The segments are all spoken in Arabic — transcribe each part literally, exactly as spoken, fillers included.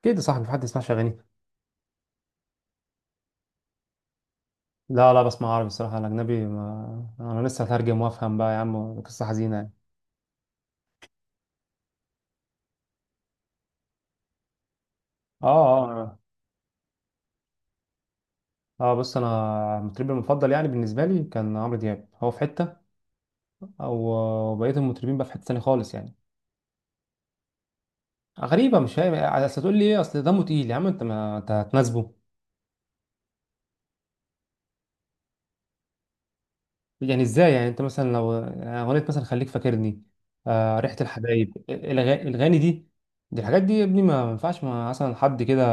اكيد يا صاحبي، في حد يسمعش اغاني؟ لا لا بسمع عربي الصراحه. الاجنبي ما... انا لسه هترجم وافهم، بقى يا عم قصه حزينه يعني. اه اه اه آه، بص انا مطربي المفضل، يعني بالنسبه لي، كان عمرو دياب. هو في حته او بقيه المطربين بقى في حته ثانيه خالص يعني. غريبه، مش فاهم. اصل تقول لي ايه؟ اصل دمه تقيل يا عم؟ انت ما انت هتناسبه. يعني ازاي؟ يعني انت مثلا لو يعني اغنيه مثلا خليك فاكرني، آه ريحه الحبايب، الأغا- الاغاني دي، دي الحاجات دي يا ابني، ما ينفعش ما- مثلا حد كده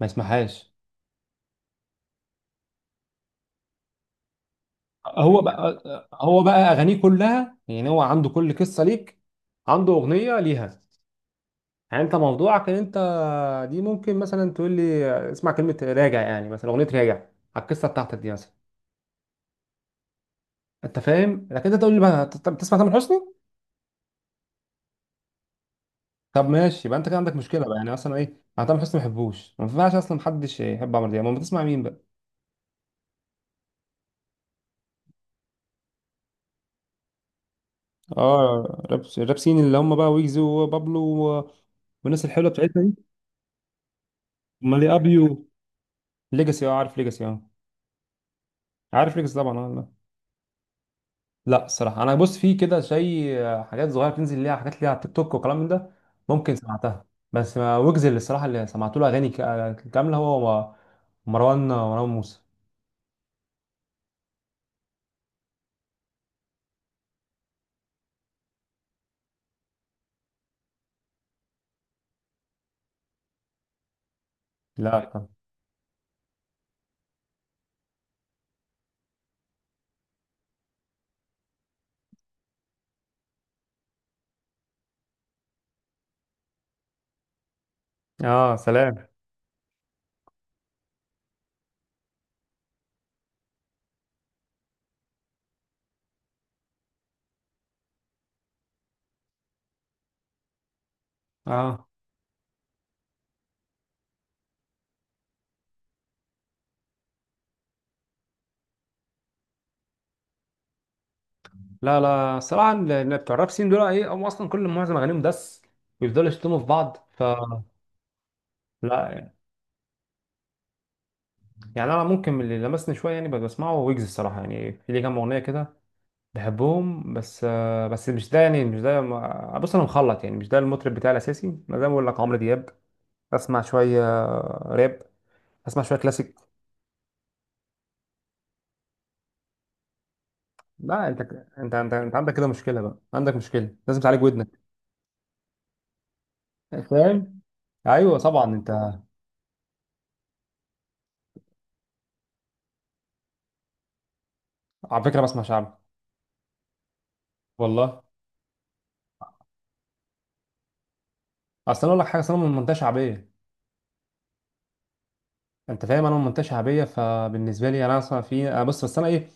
ما يسمعهاش. هو بقى هو بقى اغانيه كلها يعني، هو عنده كل قصه ليك، عنده اغنيه ليها. يعني انت موضوعك ان انت، دي ممكن مثلا تقول لي اسمع كلمه راجع، يعني مثلا اغنيه راجع على القصه بتاعتك دي مثلا. انت فاهم؟ لكن انت تقول لي بقى، ت- طب تسمع تامر حسني؟ طب ماشي، يبقى انت كده عندك مشكله بقى. يعني مثلا ايه؟ انا تامر حسني ما بحبوش، ما ينفعش اصلا، محدش يحب عمرو دياب. امال بتسمع مين بقى؟ اه راب، رابسين اللي هم بقى ويجز وبابلو و- والناس الحلوه بتاعتنا دي. امال ايه؟ ابيو؟ ليجاسي، اه عارف ليجاسي اه. عارف ريكس طبعا، اه لا. لا الصراحه، انا بص في كده شيء آه، حاجات صغيره بتنزل ليها، حاجات ليها على التيك توك وكلام من ده، ممكن سمعتها. بس ما ويجز، اللي الصراحه اللي سمعت له اغاني كا- كامله، هو مروان مروان موسى. لا كان- اه سلام. اه لا لا صراحة، ال- ال- بتوع الراب سين دول، ايه هم اصلا؟ كل معظم اغانيهم دس، ويفضلوا يشتموا في بعض، ف لا. يعني انا ممكن، من اللي لمسني شويه يعني، بسمعه ويجز الصراحه، يعني في ليه كام اغنيه كده بحبهم. بس آه، بس مش ده يعني، مش ده ما- بص انا مخلط يعني، مش ده المطرب بتاعي الاساسي. انا زي ما بقول لك عمرو دياب. اسمع شويه راب، اسمع شويه كلاسيك. لا انت، انت انت, انت عندك كده مشكله بقى، عندك مشكله لازم تعالج ودنك. فاهم؟ ايوه طبعا انت. على فكره بسمع شعبي، والله. اصل انا اقول لك حاجه، أصل انا من منطقه شعبيه. انت فاهم؟ انا من منطقه شعبيه، فبالنسبه لي انا اصلا في، أنا بص، بس انا ايه،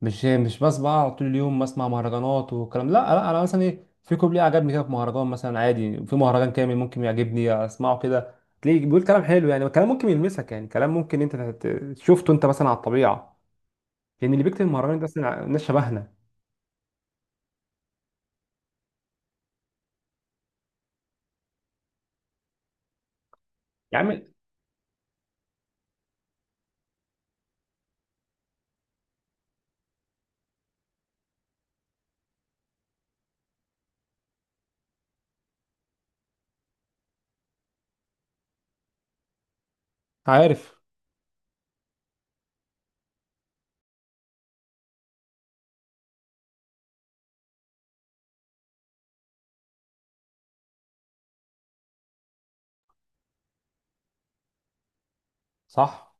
مش مش بس بقى طول اليوم بسمع مهرجانات والكلام؟ لا لا، انا مثلا ايه، في كوبليه عجبني كده في مهرجان مثلا، عادي في مهرجان كامل ممكن يعجبني اسمعه كده. تلاقيه بيقول كلام حلو يعني، كلام ممكن يلمسك، يعني كلام ممكن انت تت- شفته انت مثلا على الطبيعه، لان اللي بيكتب المهرجان ده اصلا ناس شبهنا. يا عم عارف، صح.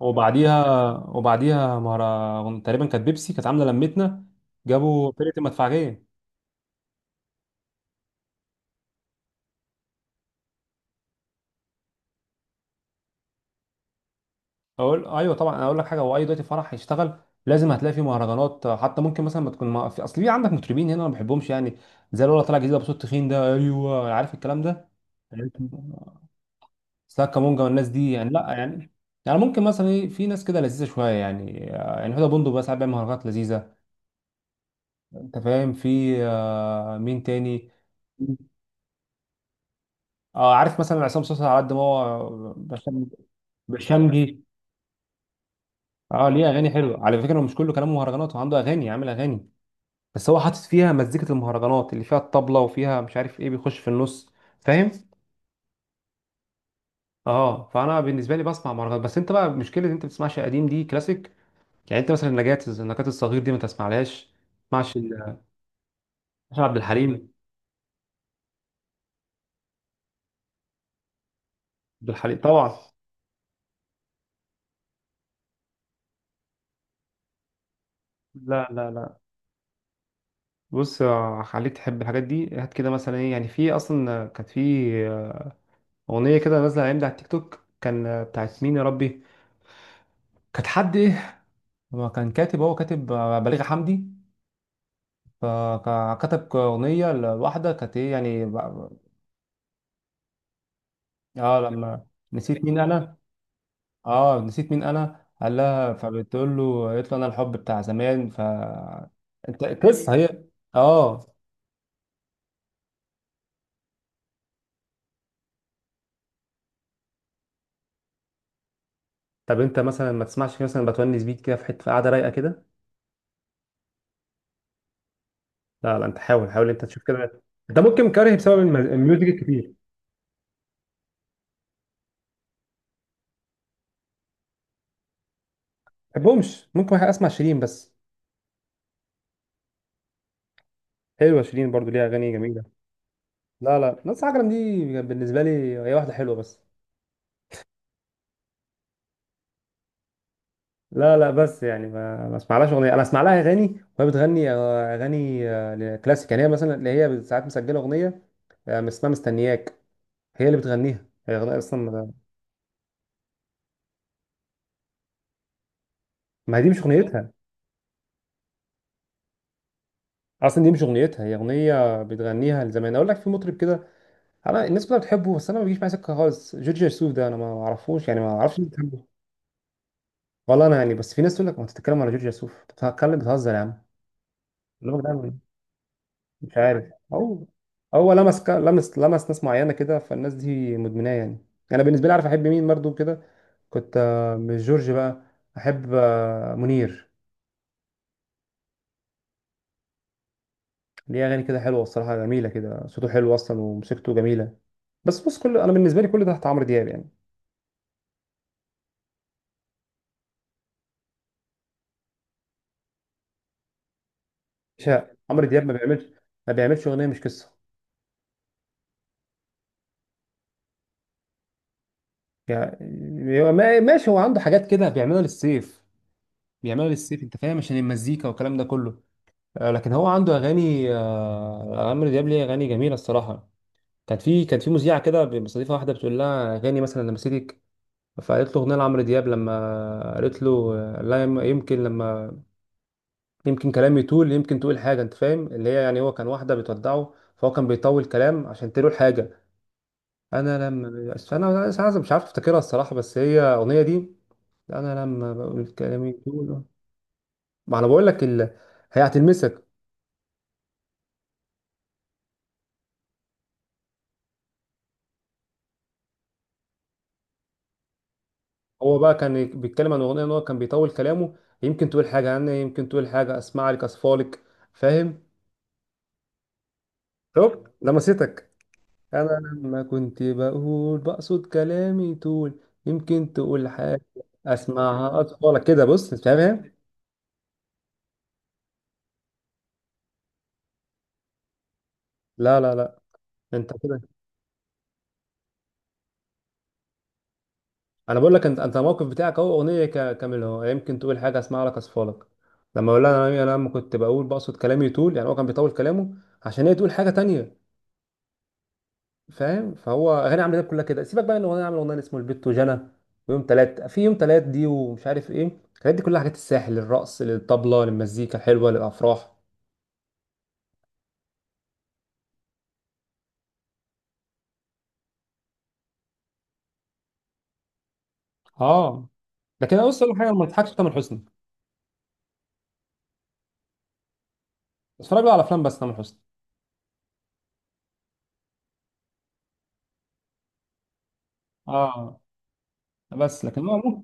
وبعديها، وبعديها مهرجان تقريبا كانت بيبسي، كانت عامله لمتنا، جابوا فرقه المدفعجيه. اقول ايوه طبعا، انا اقول لك حاجه، هو اي دلوقتي فرح هيشتغل لازم هتلاقي فيه مهرجانات، حتى ممكن مثلا ما تكون ما... في اصل في عندك مطربين هنا انا ما بحبهمش يعني، زي الولا طالع جديد بصوت تخين ده، ايوه عارف الكلام ده. عارف. سلاك كامونجا والناس دي يعني، لا يعني. يعني ممكن مثلا إيه، في ناس كده لذيذه شويه يعني، يعني هدى بندق بقى ساعات بيعمل مهرجانات لذيذه. انت فاهم؟ في آه، مين تاني؟ اه عارف، مثلا عصام صوصه، على قد ما هو بشام- بشمجي، اه ليه اغاني حلوه على فكره، هو مش كله كلامه مهرجانات، هو عنده اغاني، عامل اغاني، بس هو حاطط فيها مزيكة المهرجانات اللي فيها الطبلة وفيها مش عارف ايه، بيخش في النص. فاهم؟ اه. فانا بالنسبة لي بسمع مهرجانات، بس انت بقى مشكلة ان انت بتسمعش قديم، دي كلاسيك. يعني انت مثلا نجاة النجاة الصغير دي ما تسمعلهاش؟ ما تسمعش ال- عشان عبد الحليم؟ عبد الحليم طبعا. لا لا لا، بص آه، خليك تحب الحاجات دي. هات كده مثلا ايه، يعني في اصلا آه، كانت في آه، اغنية كده نازلة الايام دي على التيك توك، كان آه، بتاعت مين يا ربي، كانت حد ايه، هو كان كاتب، هو كاتب آه، بليغ حمدي، فكتب أغنية لواحدة كانت إيه يعني بقى- آه لما نسيت مين أنا، آه نسيت مين أنا، قال لها، فبتقول له، قالت له أنا الحب بتاع زمان، ف أنت قصة هي، آه. طب أنت مثلا ما تسمعش كده مثلا بتونس بيك كده في حتة في قاعدة رايقة كده؟ لا لا، أنت حاول، حاول أنت تشوف كده. أنت ممكن كاره بسبب الم- الميوزك الكتير، ما بحبهمش. ممكن أسمع شيرين بس. حلوة شيرين، برضو ليها أغاني جميلة. لا لا نص عجرم دي بالنسبة لي، هي واحدة حلوة بس. لا لا، بس يعني ما ما اسمعلهاش اغنيه، انا اسمع لها اغاني، وهي بتغني آه، اغاني آه، كلاسيك يعني، هي مثلا اللي هي ساعات مسجله اغنيه آه، اسمها مستنياك، هي اللي بتغنيها. هي اغنيه اصلا ما، ما هي دي مش اغنيتها، اصلا دي مش اغنيتها، هي اغنيه بتغنيها. لزمان اقول لك في مطرب كده، انا الناس كلها بتحبه بس انا ما بيجيش معايا سكه خالص، جورج وسوف ده انا ما ما اعرفوش يعني، ما اعرفش ليه بتحبه. والله انا يعني، بس في ناس تقول لك ما تتكلم على جورج وسوف، بتتكلم بتهزر يا عم. الراجل ده مش عارف هو، هو لمس ك- لمس لمس ناس معينه كده، فالناس دي مدمناه يعني. انا بالنسبه لي، عارف احب مين برضو كده؟ كنت آه، مش جورج بقى، احب آه، منير. ليه اغاني كده حلوه الصراحه، جميله كده، صوته حلو اصلا وموسيقته جميله. بس بص، كل انا بالنسبه لي كل ده تحت عمرو دياب يعني. مش ه- عمرو دياب ما بيعملش، ما بيعملش اغنيه مش قصه. يعني هو ما- ماشي هو عنده حاجات كده بيعملها للسيف، بيعملها للسيف. انت فاهم، عشان المزيكا والكلام ده كله، آه، لكن هو عنده اغاني آه، عمرو دياب ليه اغاني جميله الصراحه. كانت في كانت في مذيعه كده بتستضيفها واحده، بتقول لها اغاني مثلا لما مسيتك، فقالت له اغنيه لعمرو دياب لما قالت له آه، لا يم- يمكن لما، يمكن كلامي يطول، يمكن تقول حاجه. انت فاهم اللي هي يعني، هو كان واحده بتودعه، فهو كان بيطول كلام عشان تقول حاجه. انا لما انا أنا مش عارف، مش عارف افتكرها الصراحه، بس هي الاغنيه دي. انا لما بقول كلامي يطول، ما انا بقول لك ال... هي هتلمسك. هو بقى كان بيتكلم عن اغنيه ان هو كان بيطول كلامه، يمكن تقول حاجه عني، يمكن تقول حاجه اسمع لك اصفالك. فاهم؟ شفت لمستك. انا لما كنت بقول بقصد كلامي طول، يمكن تقول حاجه، اسمعها اطفالك كده. بص أنت فاهم. لا لا لا، انت كده. انا بقول لك، انت انت الموقف بتاعك اهو، اغنيه كا- كامله اهو، يمكن تقول حاجه اسمع لك اصفالك. لما اقول لها، انا أنا لما كنت بقول بقصد كلامي طول، يعني هو كان بيطول كلامه عشان هي تقول حاجه تانية. فاهم؟ فهو اغاني عمرو دياب كلها كده. سيبك بقى ان هو عامل اغنيه اسمه البت وجنى ويوم تلات، في يوم تلات دي ومش عارف ايه، الحاجات دي كلها حاجات الساحل للرقص للطبله للمزيكا الحلوه للافراح. اه. لكن انا بص اقول لك حاجه، أنا ما تضحكش تامر حسني، اتفرج له على افلام بس تامر حسني. اه بس لكن هو ممكن،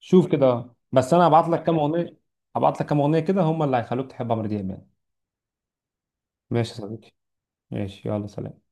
شوف كده بس، انا هبعت لك كام اغنيه، هبعت لك كام اغنيه كده هم اللي هيخلوك تحب عمرو دياب يعني. ماشي يا صديقي، ماشي، يلا سلام.